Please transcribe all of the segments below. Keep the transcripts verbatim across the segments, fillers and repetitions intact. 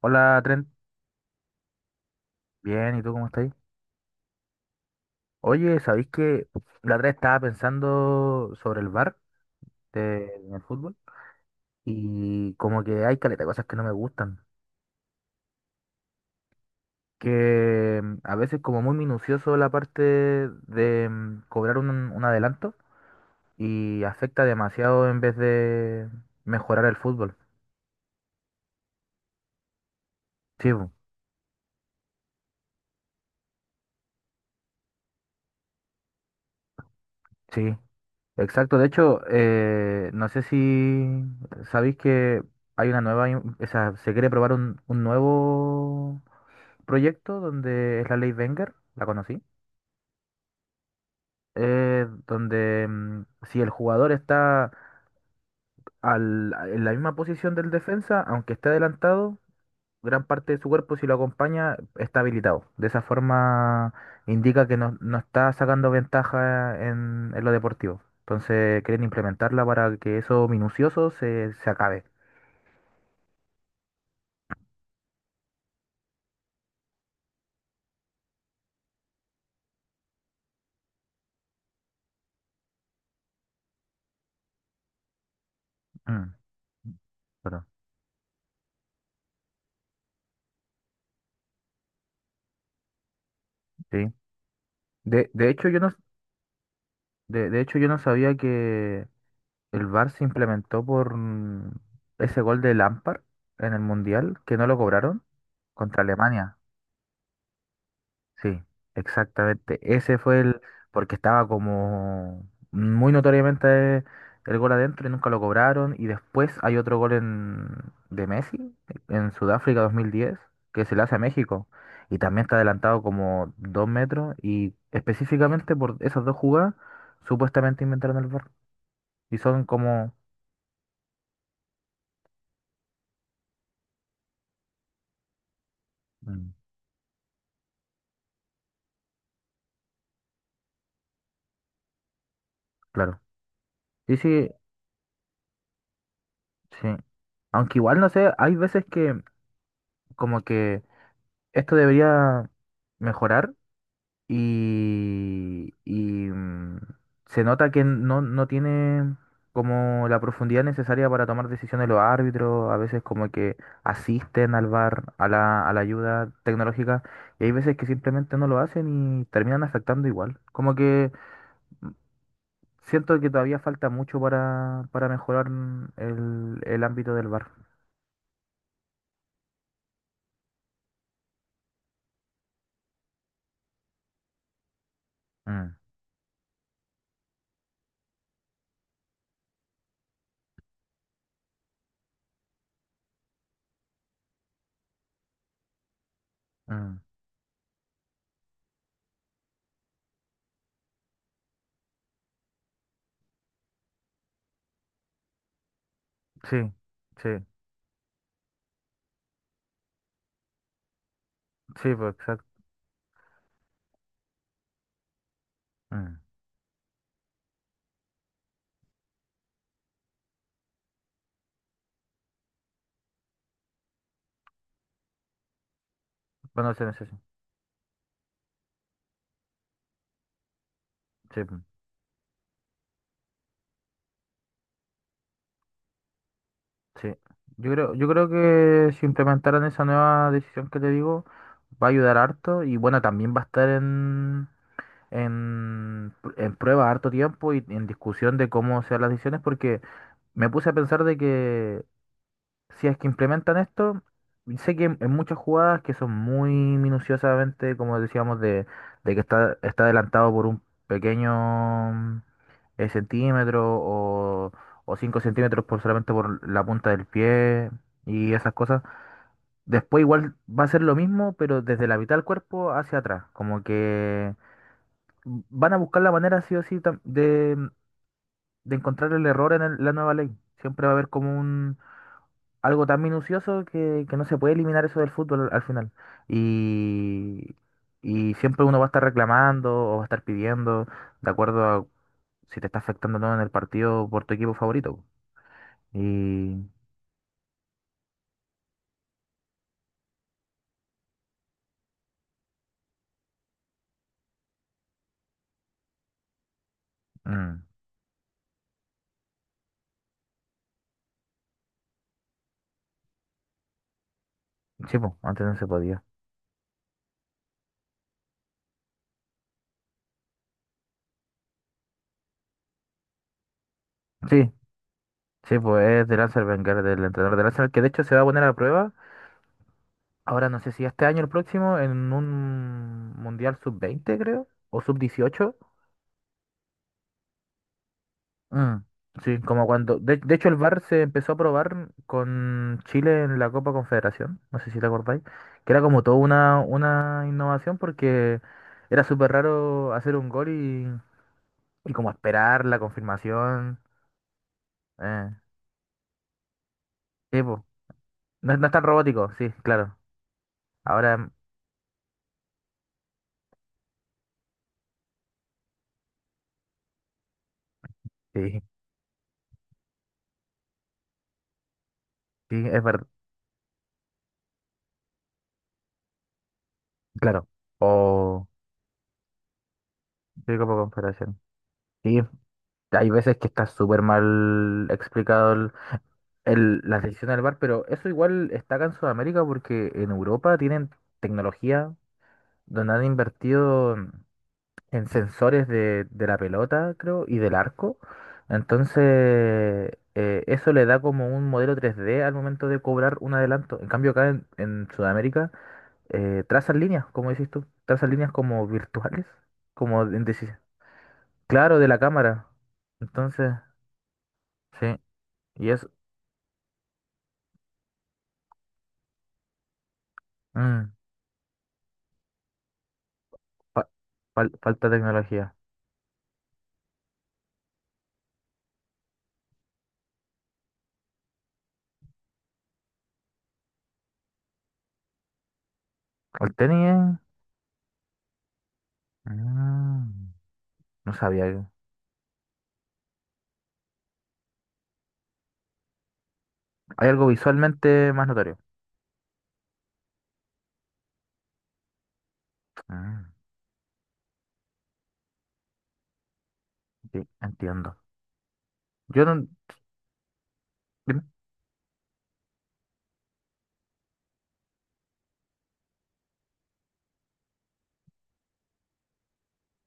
Hola, Trent. Bien, ¿y tú cómo estás? Oye, ¿sabéis que la otra vez estaba pensando sobre el bar de, en el fútbol? Y como que hay caleta de cosas que no me gustan. Que mm, a veces como muy minucioso la parte de mm, cobrar un, un adelanto y afecta demasiado en vez de mejorar el fútbol. Sí, bu, sí. Exacto, de hecho, eh, no sé si sabéis que hay una nueva, in- o sea, se quiere probar un, un nuevo proyecto donde es la ley Wenger, la conocí. Eh, donde mm, si el jugador está al- en la misma posición del defensa, aunque esté adelantado, gran parte de su cuerpo si lo acompaña está habilitado. De esa forma indica que no, no está sacando ventaja en, en lo deportivo. Entonces quieren implementarla para que eso minucioso se, se acabe. Mm. Claro, sí. De, de hecho, yo no, de, de hecho, yo no sabía que el V A R se implementó por mm, ese gol de Lampard en el Mundial, que no lo cobraron contra Alemania. Sí, exactamente. Ese fue el, porque estaba como muy notoriamente el gol adentro y nunca lo cobraron. Y después hay otro gol en, de Messi en Sudáfrica dos mil diez que se le hace a México. Y también está adelantado como dos metros. Y específicamente por esas dos jugadas, supuestamente inventaron el V A R. Y son como. Mm. Claro. Sí, sí, sí. Aunque igual no sé, hay veces que como que esto debería mejorar y, y, mm, se nota que no, no tiene como la profundidad necesaria para tomar decisiones los árbitros, a veces como que asisten al V A R, a la, a la ayuda tecnológica, y hay veces que simplemente no lo hacen y terminan afectando igual. Como que siento que todavía falta mucho para, para mejorar el, el ámbito del V A R. Mm, mm. Sí, sí, sí, pues exacto. Mm. Bueno, sí, no sí, sí, mm, sí. Yo creo, yo creo que si implementaran esa nueva decisión que te digo, va a ayudar harto y bueno, también va a estar en, en, pr- en prueba harto tiempo y en discusión de cómo sean las decisiones porque me puse a pensar de que si es que implementan esto, sé que en, en muchas jugadas que son muy minuciosamente, como decíamos, de, de que está, está adelantado por un pequeño eh, centímetro o, o cinco centímetros por solamente por la punta del pie y esas cosas. Después igual va a ser lo mismo, pero desde la mitad del cuerpo hacia atrás. Como que van a buscar la manera sí o sí tam- de, de encontrar el error en el- la nueva ley. Siempre va a haber como un, algo tan minucioso que, que no se puede eliminar eso del fútbol al final. Y, y siempre uno va a estar reclamando o va a estar pidiendo, de acuerdo a si te está afectando o no en el partido por tu equipo favorito. Y mm, sí, pues, antes no se podía. Sí, sí, pues es de Lancer Wenger, del entrenador de Lancer, que de hecho se va a poner a prueba, ahora no sé si este año o el próximo, en un Mundial sub veinte creo, o sub dieciocho. Mm, sí, como cuando. De, de hecho, el V A R se empezó a probar con Chile en la Copa Confederación, no sé si te acordáis, que era como toda una, una innovación porque era súper raro hacer un gol y, y como esperar la confirmación. Eh, sí, po. No, es no es tan robótico, sí, claro. Ahora, sí, sí, es verdad, claro. O. Sí, Copa Confederación. Sí, hay veces que está súper mal explicado el- la decisión del bar, pero eso igual está acá en Sudamérica porque en Europa tienen tecnología donde han invertido en sensores de, de la pelota, creo, y del arco. Entonces, eh, eso le da como un modelo tres d al momento de cobrar un adelanto. En cambio, acá en, en Sudamérica, eh, trazan líneas, como decís tú, trazan líneas como virtuales, como en deci- claro, de la cámara. Entonces, sí, y es mm, fa- fal- falta tecnología. Al tenis, ¿eh? Ah, no sabía. que- Hay algo visualmente más notorio. Ah, sí, entiendo. Yo no. Dime,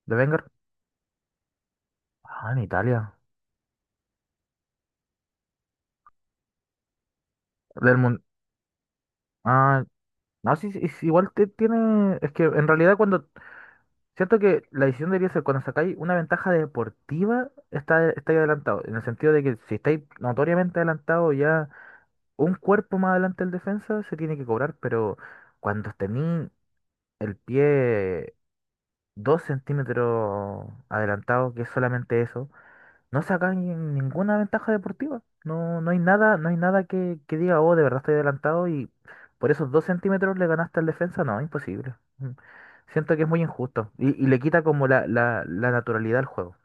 ¿de Wenger? Ah, en Italia. Del mundo. Ah, no, sí, sí, es igual te tiene. Es que en realidad, cuando. Siento que la decisión debería ser cuando sacáis una ventaja deportiva, está, estáis adelantado. En el sentido de que si estáis notoriamente adelantado ya un cuerpo más adelante el defensa, se tiene que cobrar, pero cuando tenéis el pie dos centímetros adelantado, que es solamente eso, no saca ninguna ventaja deportiva. No, no hay nada, no hay nada que, que diga, oh, de verdad estoy adelantado y por esos dos centímetros le ganaste al defensa. No, imposible. Mm. Siento que es muy injusto y, y le quita como la, la, la naturalidad al juego.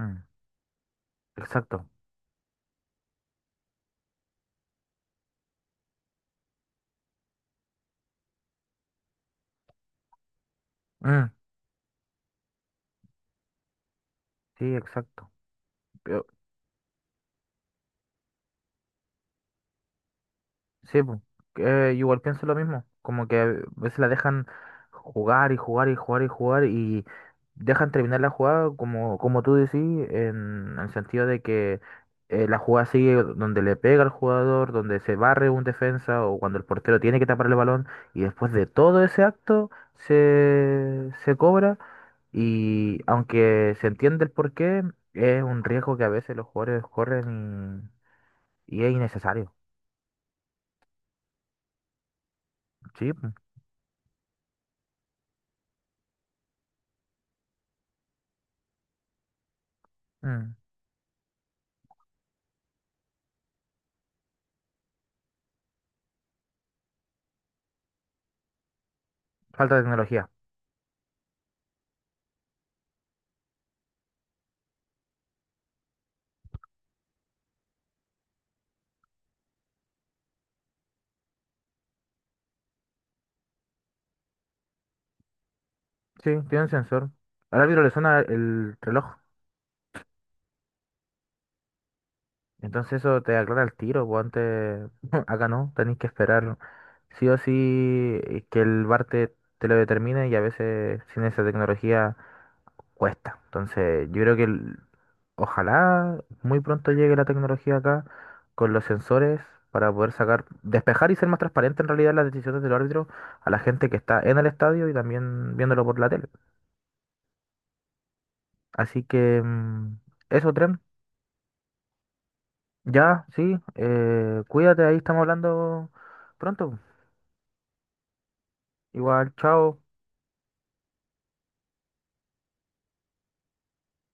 Mm, exacto. Mm, sí, exacto. Sí, po. Eh, igual pienso lo mismo, como que a veces la dejan jugar y jugar y jugar y jugar y dejan terminar la jugada como, como tú decís, en el sentido de que eh, la jugada sigue donde le pega al jugador, donde se barre un defensa o cuando el portero tiene que tapar el balón y después de todo ese acto se, se cobra, y aunque se entiende el porqué, es un riesgo que a veces los jugadores corren y, y es innecesario. Sí, po. Mm. Falta de tecnología. Sí, tiene un sensor. Al árbitro le suena el reloj. Entonces eso te aclara el tiro, pues antes acá no, tenés que esperar, ¿no? Sí o sí, eh, que el V A R te, te lo determine, y a veces sin esa tecnología cuesta. Entonces yo creo que el- ojalá muy pronto llegue la tecnología acá con los sensores para poder sacar, despejar y ser más transparente en realidad las decisiones del árbitro a la gente que está en el estadio y también viéndolo por la tele. Así que mm, eso, Tren. Ya, sí, eh, cuídate, ahí estamos hablando pronto. Igual, chao.